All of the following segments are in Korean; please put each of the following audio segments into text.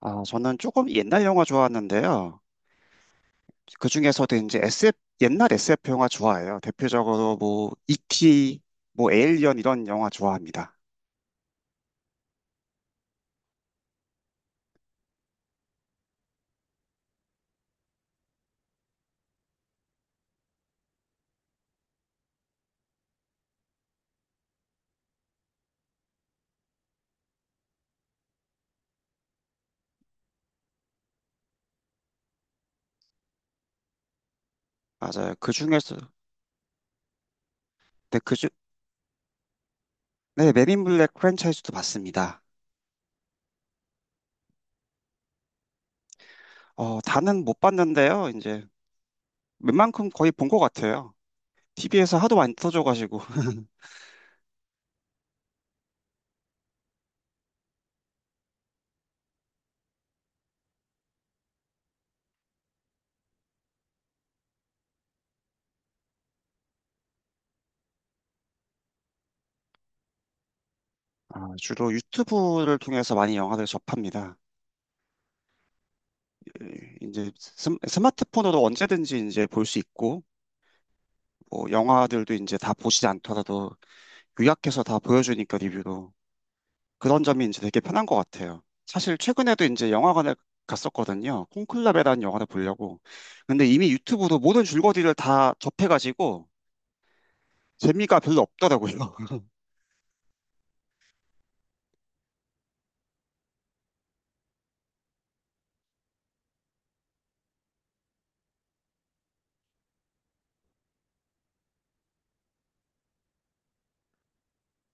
저는 조금 옛날 영화 좋아하는데요. 그 중에서도 이제 SF, 옛날 SF 영화 좋아해요. 대표적으로 E.T., 에일리언 이런 영화 좋아합니다. 맞아요. 그 중에서, 네, 그 중, 네, 맨인 블랙 프랜차이즈도 봤습니다. 다는 못 봤는데요. 이제 웬만큼 거의 본 것 같아요. TV에서 하도 많이 터져가지고 주로 유튜브를 통해서 많이 영화를 접합니다. 예, 이제 스마트폰으로 언제든지 이제 볼 수 있고 뭐 영화들도 이제 다 보시지 않더라도 요약해서 다 보여주니까 리뷰로 그런 점이 이제 되게 편한 것 같아요. 사실 최근에도 이제 영화관에 갔었거든요. 콘클라베라는 영화를 보려고. 근데 이미 유튜브로 모든 줄거리를 다 접해가지고 재미가 별로 없더라고요.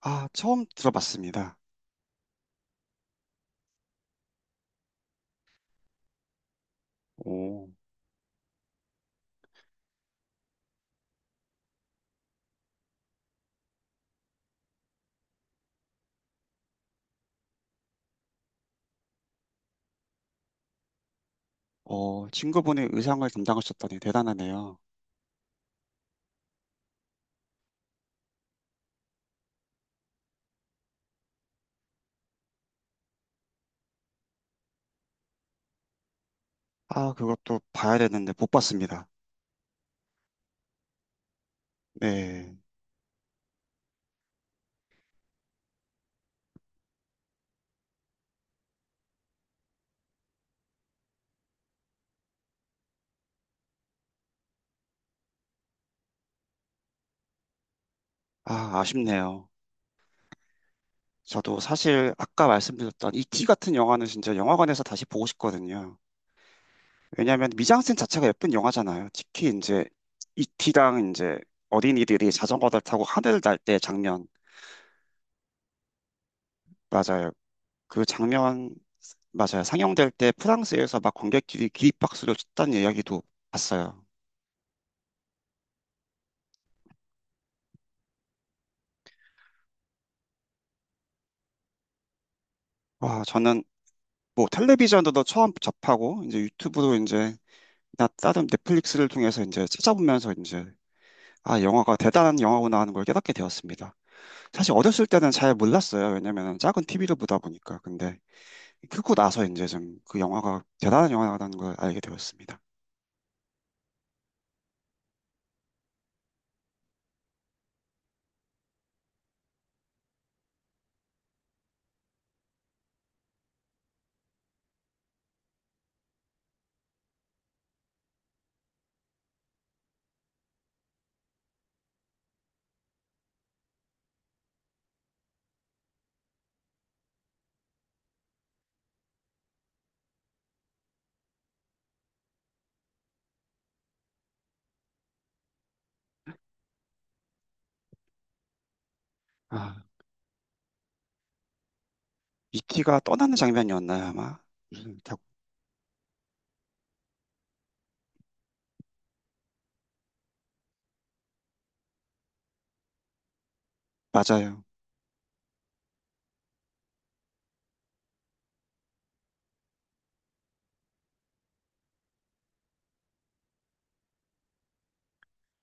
처음 들어봤습니다. 오. 친구분이 의상을 담당하셨다니 대단하네요. 그것도 봐야 되는데 못 봤습니다. 네. 아, 아쉽네요. 저도 사실 아까 말씀드렸던 이 t 같은 영화는 진짜 영화관에서 다시 보고 싶거든요. 왜냐하면 미장센 자체가 예쁜 영화잖아요. 특히 이제 이티랑 이제 어린이들이 자전거를 타고 하늘을 날 때 장면 맞아요. 그 장면 맞아요. 상영될 때 프랑스에서 막 관객들이 기립박수를 쳤다는 이야기도 봤어요. 와, 저는 뭐 텔레비전도 처음 접하고 이제 유튜브도 이제 나 다른 넷플릭스를 통해서 이제 찾아보면서 이제 아 영화가 대단한 영화구나 하는 걸 깨닫게 되었습니다. 사실 어렸을 때는 잘 몰랐어요. 왜냐면 작은 TV를 보다 보니까 근데 크고 나서 이제 좀 그 영화가 대단한 영화라는 걸 알게 되었습니다. 아 이티가 떠나는 장면이었나요 아마? 무슨 맞아요.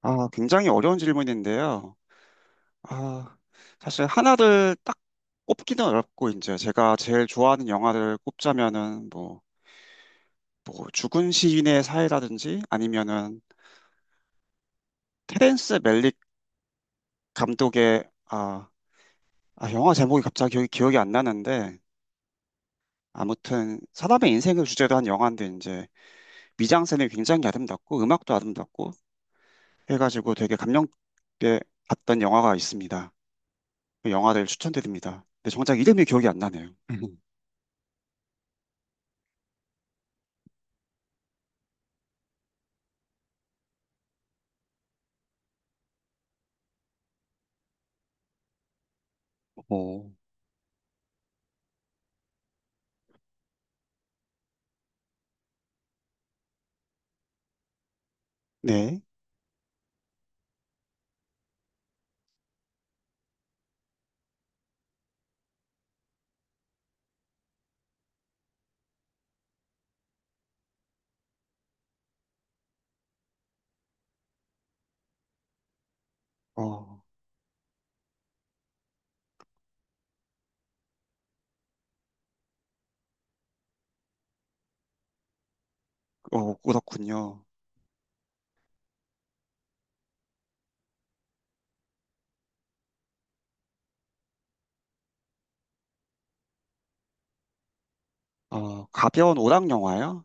아 굉장히 어려운 질문인데요. 아, 사실 하나를 딱 꼽기는 어렵고, 이제 제가 제일 좋아하는 영화를 꼽자면은, 뭐, 뭐 죽은 시인의 사회라든지, 아니면은, 테렌스 멜릭 감독의, 아, 영화 제목이 갑자기 기억이 안 나는데, 아무튼, 사람의 인생을 주제로 한 영화인데, 이제, 미장센이 굉장히 아름답고, 음악도 아름답고, 해가지고 되게 감명 깊게 봤던 영화가 있습니다. 그 영화를 추천드립니다. 근데 정작 이름이 기억이 안 나네요. 오. 네. 어. 어, 그렇군요. 어, 가벼운 오락 영화요?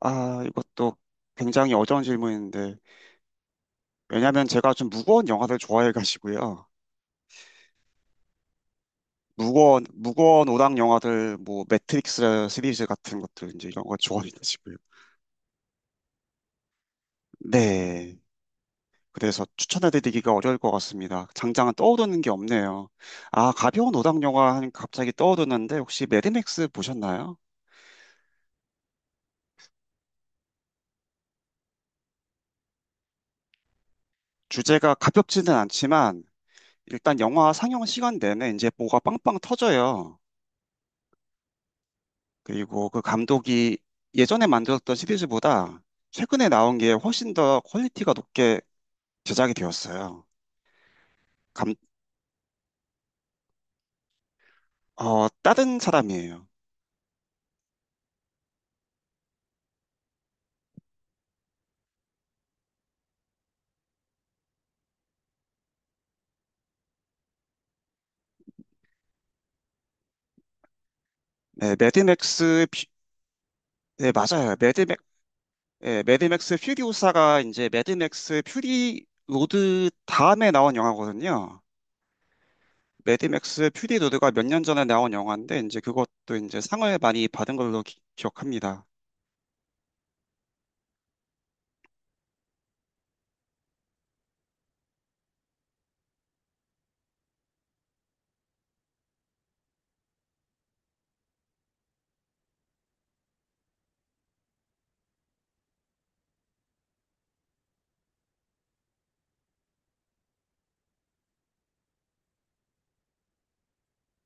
이것도 굉장히 어려운 질문인데, 왜냐면 제가 좀 무거운 영화를 좋아해가지고요. 무거운 오락 영화들, 뭐, 매트릭스 시리즈 같은 것들, 이제 이런 걸 좋아해가지고요. 네. 그래서 추천해드리기가 어려울 것 같습니다. 당장은 떠오르는 게 없네요. 아, 가벼운 오락 영화 하니까 갑자기 떠오르는데, 혹시 매드맥스 보셨나요? 주제가 가볍지는 않지만, 일단 영화 상영 시간 내내 이제 뭐가 빵빵 터져요. 그리고 그 감독이 예전에 만들었던 시리즈보다 최근에 나온 게 훨씬 더 퀄리티가 높게 제작이 되었어요. 감, 어, 다른 사람이에요. 네, 네, 맞아요. 예, 매드맥스 퓨리오사가 이제 매드맥스 퓨리 로드 다음에 나온 영화거든요. 매드맥스 퓨리 로드가 몇 년 전에 나온 영화인데, 이제 그것도 이제 상을 많이 받은 걸로 기억합니다.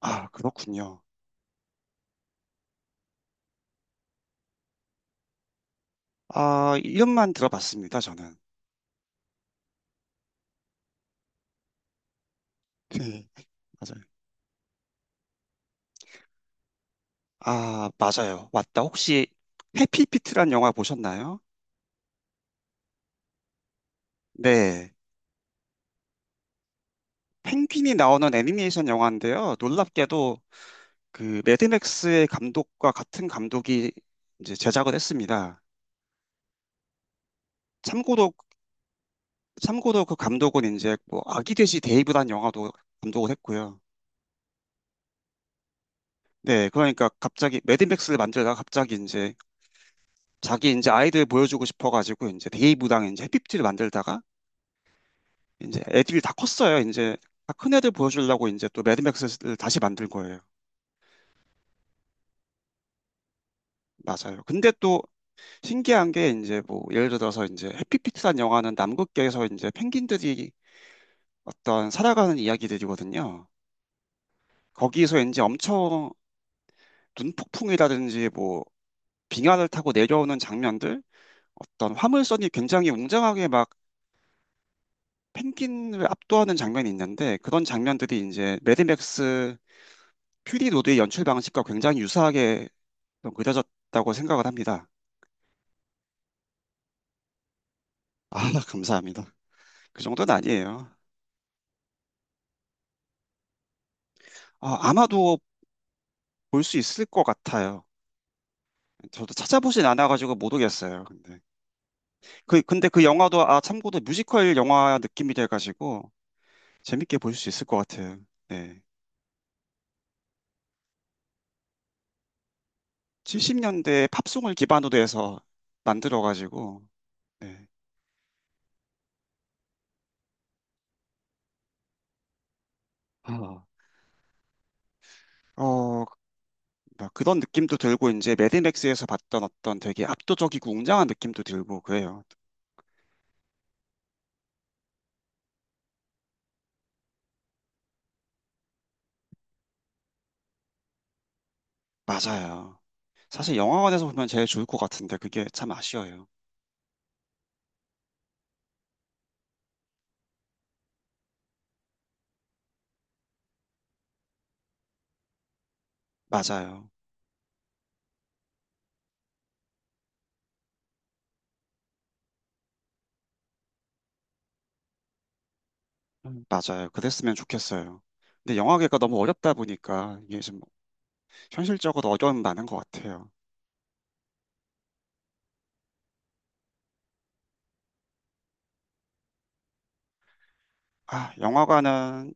아, 그렇군요. 아, 이름만 들어봤습니다, 저는. 네, 맞아요. 아, 맞아요. 맞다. 혹시 해피피트란 영화 보셨나요? 네. 펭귄이 나오는 애니메이션 영화인데요. 놀랍게도 그 매드맥스의 감독과 같은 감독이 이제 제작을 했습니다. 참고로 참고로 그 감독은 이제 뭐 아기 돼지 데이브란 영화도 감독을 했고요. 네, 그러니까 갑자기 매드맥스를 만들다가 갑자기 이제 자기 이제 아이들 보여주고 싶어가지고 이제 데이브랑 이제 해피피트를 만들다가 이제 애들이 다 컸어요. 이제 다 큰 애들 보여주려고 이제 또 매드맥스를 다시 만들 거예요. 맞아요. 근데 또 신기한 게 이제 뭐 예를 들어서 이제 해피피트란 영화는 남극계에서 이제 펭귄들이 어떤 살아가는 이야기들이거든요. 거기서 이제 엄청 눈폭풍이라든지 뭐 빙하를 타고 내려오는 장면들, 어떤 화물선이 굉장히 웅장하게 막 펭귄을 압도하는 장면이 있는데 그런 장면들이 이제 매드맥스 퓨리 로드의 연출 방식과 굉장히 유사하게 좀 그려졌다고 생각을 합니다. 아, 감사합니다. 그 정도는 아니에요. 아, 아마도 볼 수 있을 것 같아요. 저도 찾아보진 않아가지고 모르겠어요. 근데 그 근데 그 영화도 아 참고로 뮤지컬 영화 느낌이 돼가지고 재밌게 볼 수 있을 것 같아요. 네, 70년대 팝송을 기반으로 해서 만들어가지고 네. 아, 어, 막 그런 느낌도 들고 이제 매드맥스에서 봤던 어떤 되게 압도적이고 웅장한 느낌도 들고 그래요. 맞아요. 사실 영화관에서 보면 제일 좋을 것 같은데 그게 참 아쉬워요. 맞아요. 맞아요. 그랬으면 좋겠어요. 근데 영화계가 너무 어렵다 보니까 이게 좀 현실적으로 어려움이 많은 것 같아요. 아, 영화관은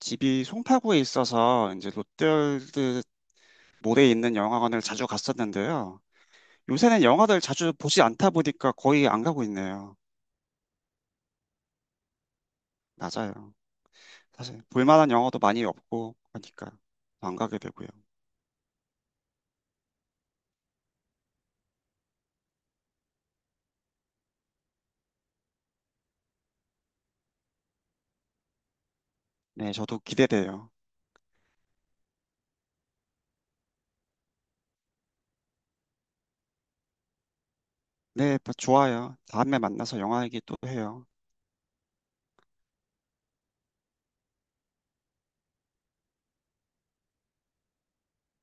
집이 송파구에 있어서 이제 롯데월드 몰에 있는 영화관을 자주 갔었는데요. 요새는 영화를 자주 보지 않다 보니까 거의 안 가고 있네요. 맞아요. 사실 볼만한 영화도 많이 없고 하니까 안 가게 되고요. 네, 저도 기대돼요. 네, 좋아요. 다음에 만나서 영화 얘기 또 해요.